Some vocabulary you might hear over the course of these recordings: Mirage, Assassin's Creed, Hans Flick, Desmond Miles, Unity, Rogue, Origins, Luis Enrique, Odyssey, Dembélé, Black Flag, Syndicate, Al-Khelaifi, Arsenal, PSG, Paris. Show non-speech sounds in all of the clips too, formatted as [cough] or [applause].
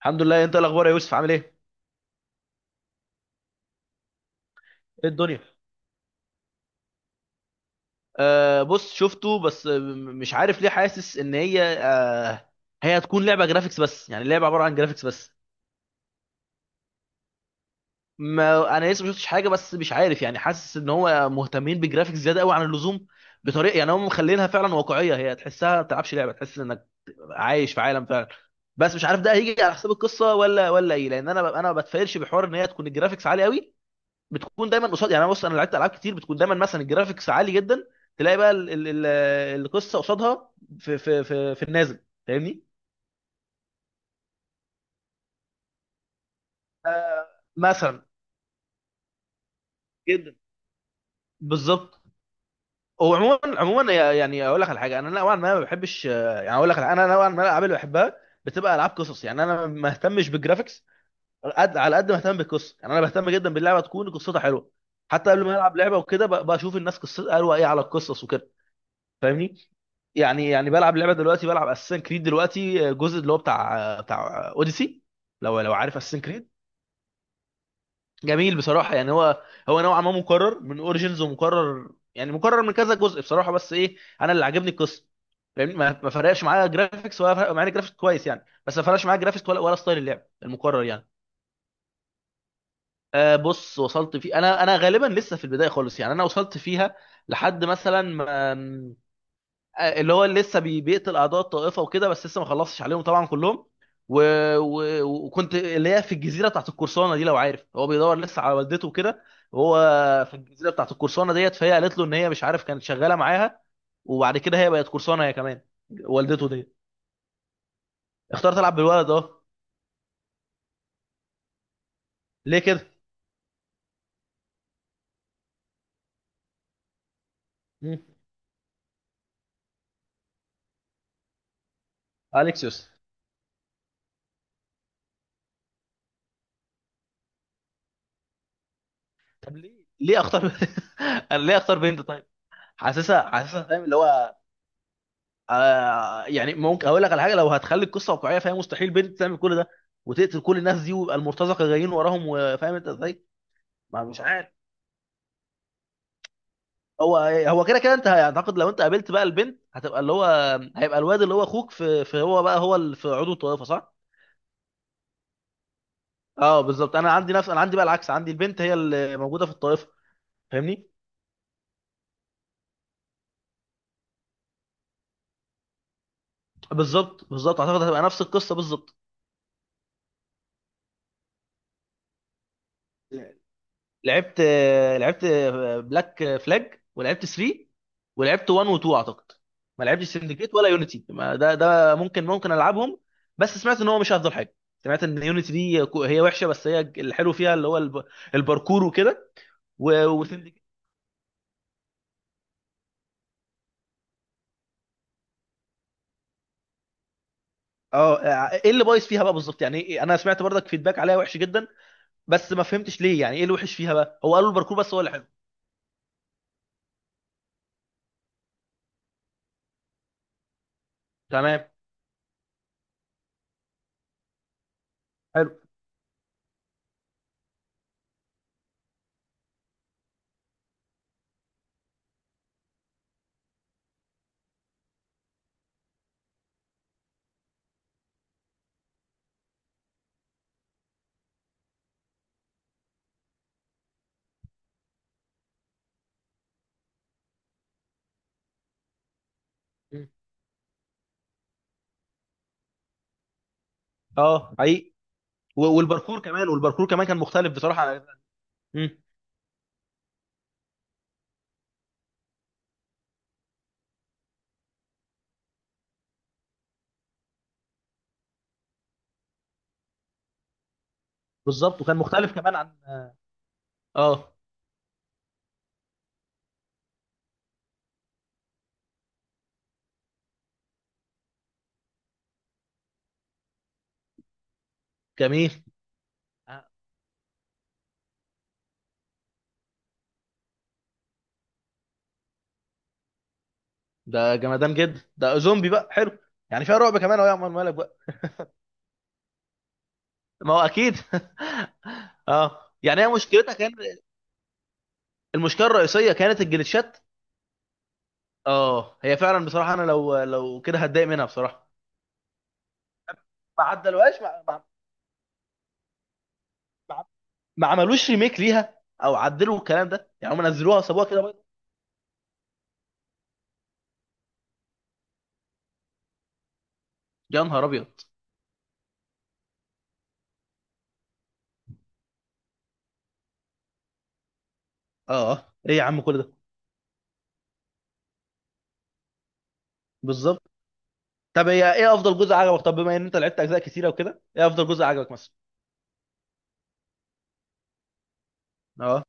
الحمد لله. انت إيه الاخبار يا يوسف؟ عامل ايه؟ ايه الدنيا؟ آه بص شفته، بس مش عارف ليه حاسس ان هي هي هتكون لعبه جرافيكس بس، يعني لعبه عباره عن جرافيكس بس. ما انا لسه ما شفتش حاجه، بس مش عارف يعني، حاسس ان هو مهتمين بالجرافيكس زياده قوي عن اللزوم. بطريقه يعني هم مخلينها فعلا واقعيه، هي تحسها ما بتلعبش لعبه، تحس انك عايش في عالم فعلا. بس مش عارف ده هيجي على حساب القصه ولا ايه، لان انا ما بتفائلش بحوار ان هي تكون الجرافيكس عالي قوي. بتكون دايما قصاد، يعني انا بص، انا لعبت العاب كتير بتكون دايما مثلا الجرافيكس عالي جدا، تلاقي بقى القصه قصادها في النازل. فاهمني؟ آه مثلا. جدا. بالظبط. هو عموما، عموما يعني اقول لك على حاجه، انا نوعا ما ما بحبش يعني اقول لك على- انا نوعا ما الالعاب اللي بحبها بتبقى العاب قصص. يعني انا ما اهتمش بالجرافيكس قد على قد ما اهتم بالقصه، يعني انا بهتم جدا باللعبه تكون قصتها حلوه. حتى قبل ما العب لعبه وكده بشوف الناس قصتها، قالوا ايه على القصص وكده. فاهمني؟ يعني يعني بلعب لعبه دلوقتي، بلعب اساسن كريد دلوقتي، الجزء اللي هو بتاع اوديسي. لو عارف اساسن كريد. جميل، بصراحه يعني هو، هو نوعا ما مكرر من اوريجينز، ومكرر يعني مكرر من كذا جزء بصراحه، بس ايه، انا اللي عاجبني القصه. فاهمني؟ ما فرقش معايا جرافيكس، ولا فرق معايا جرافيكس كويس يعني، بس ما فرقش معايا جرافيكس ولا ستايل اللعب المكرر يعني. آه بص، وصلت في، انا غالبا لسه في البدايه خالص. يعني انا وصلت فيها لحد مثلا ما اللي هو اللي بيقتل اعداء الطائفه وكده، بس لسه ما خلصش عليهم طبعا كلهم. و... و... وكنت اللي هي في الجزيره بتاعت القرصانه دي، لو عارف، هو بيدور لسه على والدته وكده. وهو في الجزيره بتاعت القرصانه ديت، فهي قالت له ان هي مش عارف، كانت شغاله معاها، وبعد كده هي بقت قرصانه هي كمان، والدته دي. اختار تلعب بالولد، اه. ليه كده؟ مم. اليكسيوس. طب ليه؟ ليه اختار؟ [laughs] انا ليه اختار بنت طيب؟ حاسسها، حاسسها فاهم اللي هو. آه يعني ممكن اقول لك على حاجه، لو هتخلي القصه واقعيه، فهي مستحيل بنت تعمل كل ده وتقتل كل الناس دي ويبقى المرتزقه جايين وراهم، وفاهم انت ازاي؟ ما مش عارف. هو هو كده كده. انت اعتقد لو انت قابلت بقى البنت، هتبقى اللي هو هيبقى الواد اللي هو اخوك في هو بقى، هو اللي في عضو الطائفه، صح؟ اه بالظبط، انا عندي بقى العكس، عندي البنت هي اللي موجوده في الطائفه. فاهمني؟ بالظبط بالظبط، اعتقد هتبقى نفس القصه بالظبط. لعبت، لعبت بلاك فلاج، ولعبت 3، ولعبت 1 و2 اعتقد. ما لعبتش سندكيت ولا يونيتي، ما ده ممكن، ممكن العبهم، بس سمعت ان هو مش افضل حاجه. سمعت ان يونيتي دي هي وحشه، بس هي الحلو فيها اللي هو الباركور وكده، و- وسندكيت. اه آه، ايه اللي بايظ فيها بقى بالظبط، يعني إيه؟ انا سمعت برضك فيدباك عليها وحش جدا، بس ما فهمتش ليه يعني، ايه اللي وحش فيها بقى؟ هو قالوا الباركور بس هو اللي حلو. تمام. حلو. م. اه حقيقي. و- والباركور كمان، والباركور كمان كان مختلف بصراحه عن، مم. بالظبط، وكان مختلف كمان عن. اه. جميل. آه، ده جمدان جدا، ده زومبي بقى، حلو. يعني فيها رعب كمان، اهو يا عمر مالك بقى. ما هو اكيد [laughs] اه يعني هي مشكلتها كان، المشكله الرئيسيه كانت الجلitchات. اه هي فعلا بصراحه، انا لو كده هتضايق منها بصراحه. ما عدلوهاش. ما, ما عملوش ريميك ليها او عدلوا الكلام ده، يعني هم نزلوها وسابوها كده بيضة. يا نهار ابيض. اه ايه يا عم كل ده. بالظبط. طب هي ايه افضل جزء عجبك؟ طب بما ان انت لعبت اجزاء كتيره وكده، ايه افضل جزء عجبك مثلا؟ اه.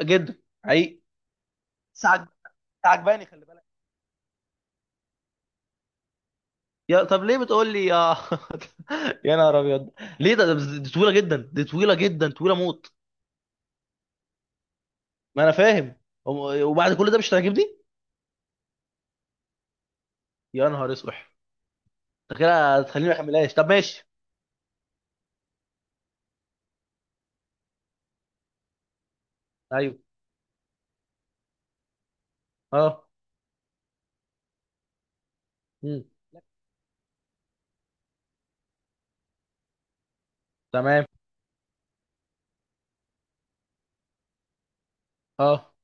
جدا. حقيقي. بس عج- بس عجباني، خلي بالك. يا طب ليه بتقول لي يا [laughs] يا نهار ابيض. ليه ده دي طويله جدا، دي طويله جدا، طويله موت. ما انا فاهم. وم- وبعد كل ده مش هتعجبني؟ يا نهار اسوح. انت كده هتخليني ما اكملهاش. طب ماشي. ايوه. اه. مم. تمام. اه.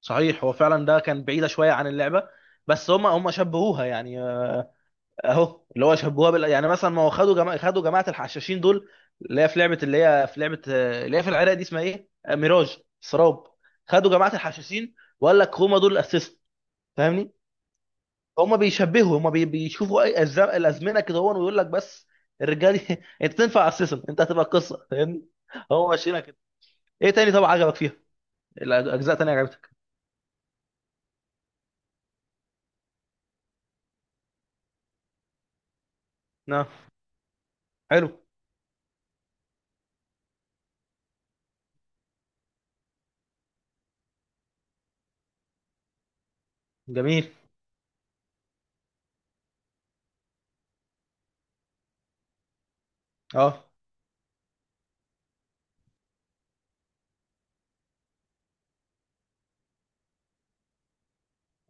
صحيح، هو فعلا ده كان بعيده شويه عن اللعبه. بس هم شبهوها يعني، اهو اللي هو شبهوها يعني مثلا ما هو خدوا جماعه الحشاشين دول، اللي هي في لعبه، اللي هي في العراق دي، اسمها ايه؟ آه، ميراج سراب. خدوا جماعه الحشاشين وقال لك هما دول الاسيست. فاهمني؟ هما بيشبهوا، هما بيشوفوا الازمنه كده هو، ويقول لك بس الرجاله دي [laughs] انت تنفع اسيستنت، انت هتبقى قصه. فاهمني؟ هو ماشيينها كده. ايه تاني طبعا عجبك فيها؟ الاجزاء تانية عجبتك؟ نعم. حلو. جميل. اه.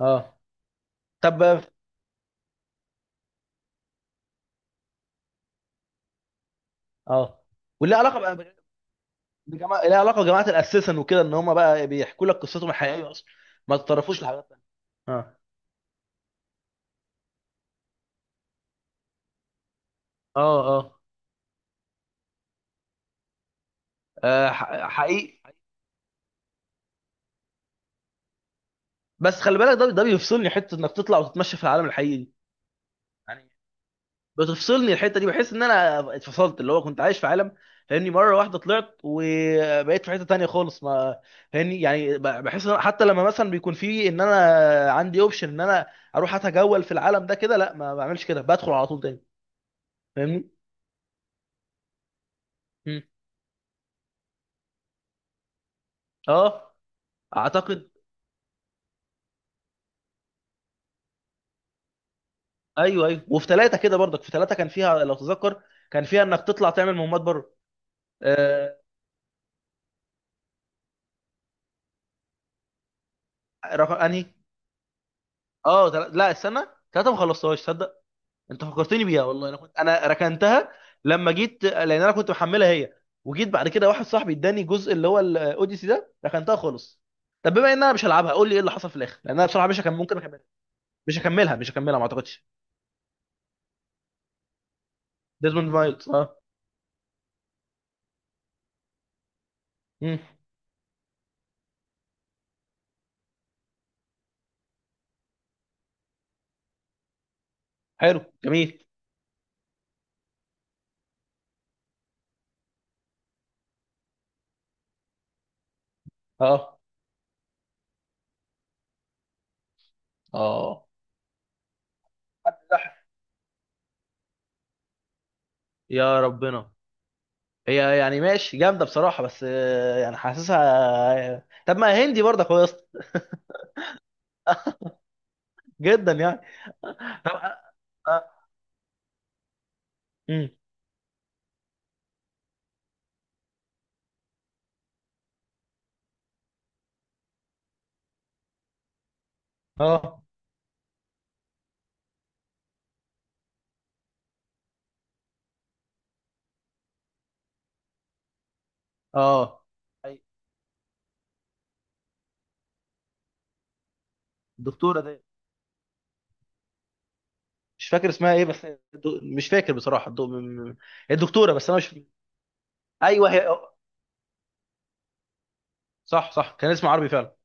اه. طب. اه. وليه علاقه بقى بجماعة، ليها علاقة بجماعة الأساسن وكده، إن هم بقى بيحكوا لك قصتهم الحقيقية أصلا، ما تتطرفوش لحاجات تانية. اه. اه. اه. آه، حقيقي. بس خلي بالك، ده بيفصلني حتة إنك تطلع وتتمشى في العالم الحقيقي دي، يعني. بتفصلني الحتة دي، بحس إن أنا اتفصلت، اللي هو كنت عايش في عالم، فاهمني؟ مرة واحدة طلعت وبقيت في حتة تانية خالص. ما فاهمني؟ يعني بحس إن حتى لما مثلا بيكون في إن أنا عندي أوبشن إن أنا أروح أتجول في العالم ده كده، لا ما بعملش كده، بدخل على طول تاني. فاهمني؟ مم. اه. اعتقد. ايوه ايوه، وفي ثلاثه كده برضك، في ثلاثه كان فيها لو تتذكر، كان فيها انك تطلع تعمل مهمات بره. آه. رقم انهي؟ اه تل...، لا استنى، ثلاثه ما خلصتهاش صدق. انت فكرتني بيها والله، انا كنت، انا ركنتها لما جيت، لان انا كنت محملها هي، وجيت بعد كده واحد صاحبي اداني جزء اللي هو الاوديسي ده، ركنتها خالص. طب بما ان انا مش هلعبها، قول لي ايه اللي حصل في الاخر، لان انا بصراحه مش هكمل، ممكن اكملها. مش هكملها، ما اعتقدش. ديزموند مايلز، اه. مم. حلو. جميل. اه. اه. يا ربنا. هي يعني ماشي جامده بصراحه، بس آه، يعني حاسسها آه، طب ما هندي برضه كويس. جدا يعني. طب. اه. اه. مم. اه. آه. أي-. الدكتوره دي، مش فاكر اسمها ايه بس. مش فاكر بصراحه. م- الدكتوره، بس انا مش. ايوه هي. صح صح، كان اسمها عربي فعلا.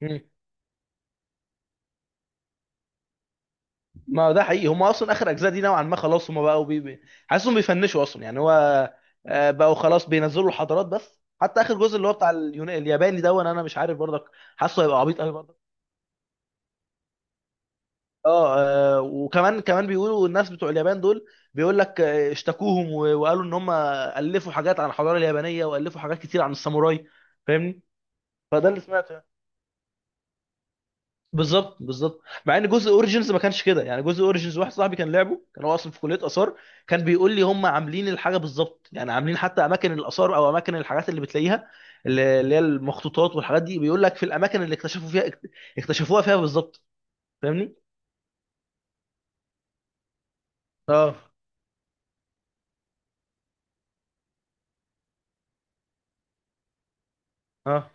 مم. ما هو ده حقيقي، هم اصلا اخر اجزاء دي نوعا ما خلاص، هم بقوا حاسسهم بيفنشوا اصلا، يعني هو آه، بقوا خلاص بينزلوا حضارات بس. حتى اخر جزء اللي هو بتاع اليونان الياباني ده، وانا مش عارف برضك، حاسه هيبقى عبيط قوي. اه. آه، وكمان بيقولوا الناس بتوع اليابان دول، بيقول لك آه، اشتكوهم و- وقالوا ان هم الفوا حاجات عن الحضاره اليابانيه، والفوا حاجات كتير عن الساموراي. فاهمني؟ فده اللي سمعته يعني. بالظبط بالظبط، مع ان جزء اوريجينز ما كانش كده. يعني جزء اوريجينز واحد صاحبي كان لعبه، كان هو اصلا في كليه اثار، كان بيقول لي هم عاملين الحاجه بالظبط يعني، عاملين حتى اماكن الاثار او اماكن الحاجات اللي بتلاقيها، اللي هي المخطوطات والحاجات دي، بيقول لك في الاماكن اللي اكتشفوا فيها، اكتشفوها فيها بالظبط. فاهمني؟ اه. اه.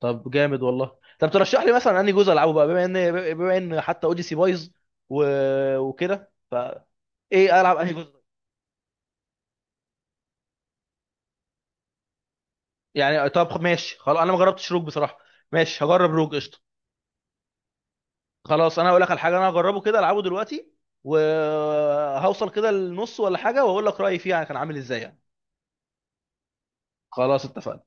طب جامد والله. طب ترشح لي مثلا انهي جزء العبه بقى، بما ان، حتى اوديسي بايظ و... وكده، فايه، العب انهي جزء؟ يعني طب ماشي خلاص، انا ما جربتش روج بصراحه. ماشي، هجرب روج، قشطه. خلاص، انا هقول لك على حاجه، انا هجربه كده، العبه دلوقتي، وهوصل كده للنص ولا حاجه واقول لك رايي فيه، يعني كان عامل ازاي يعني. خلاص اتفقنا.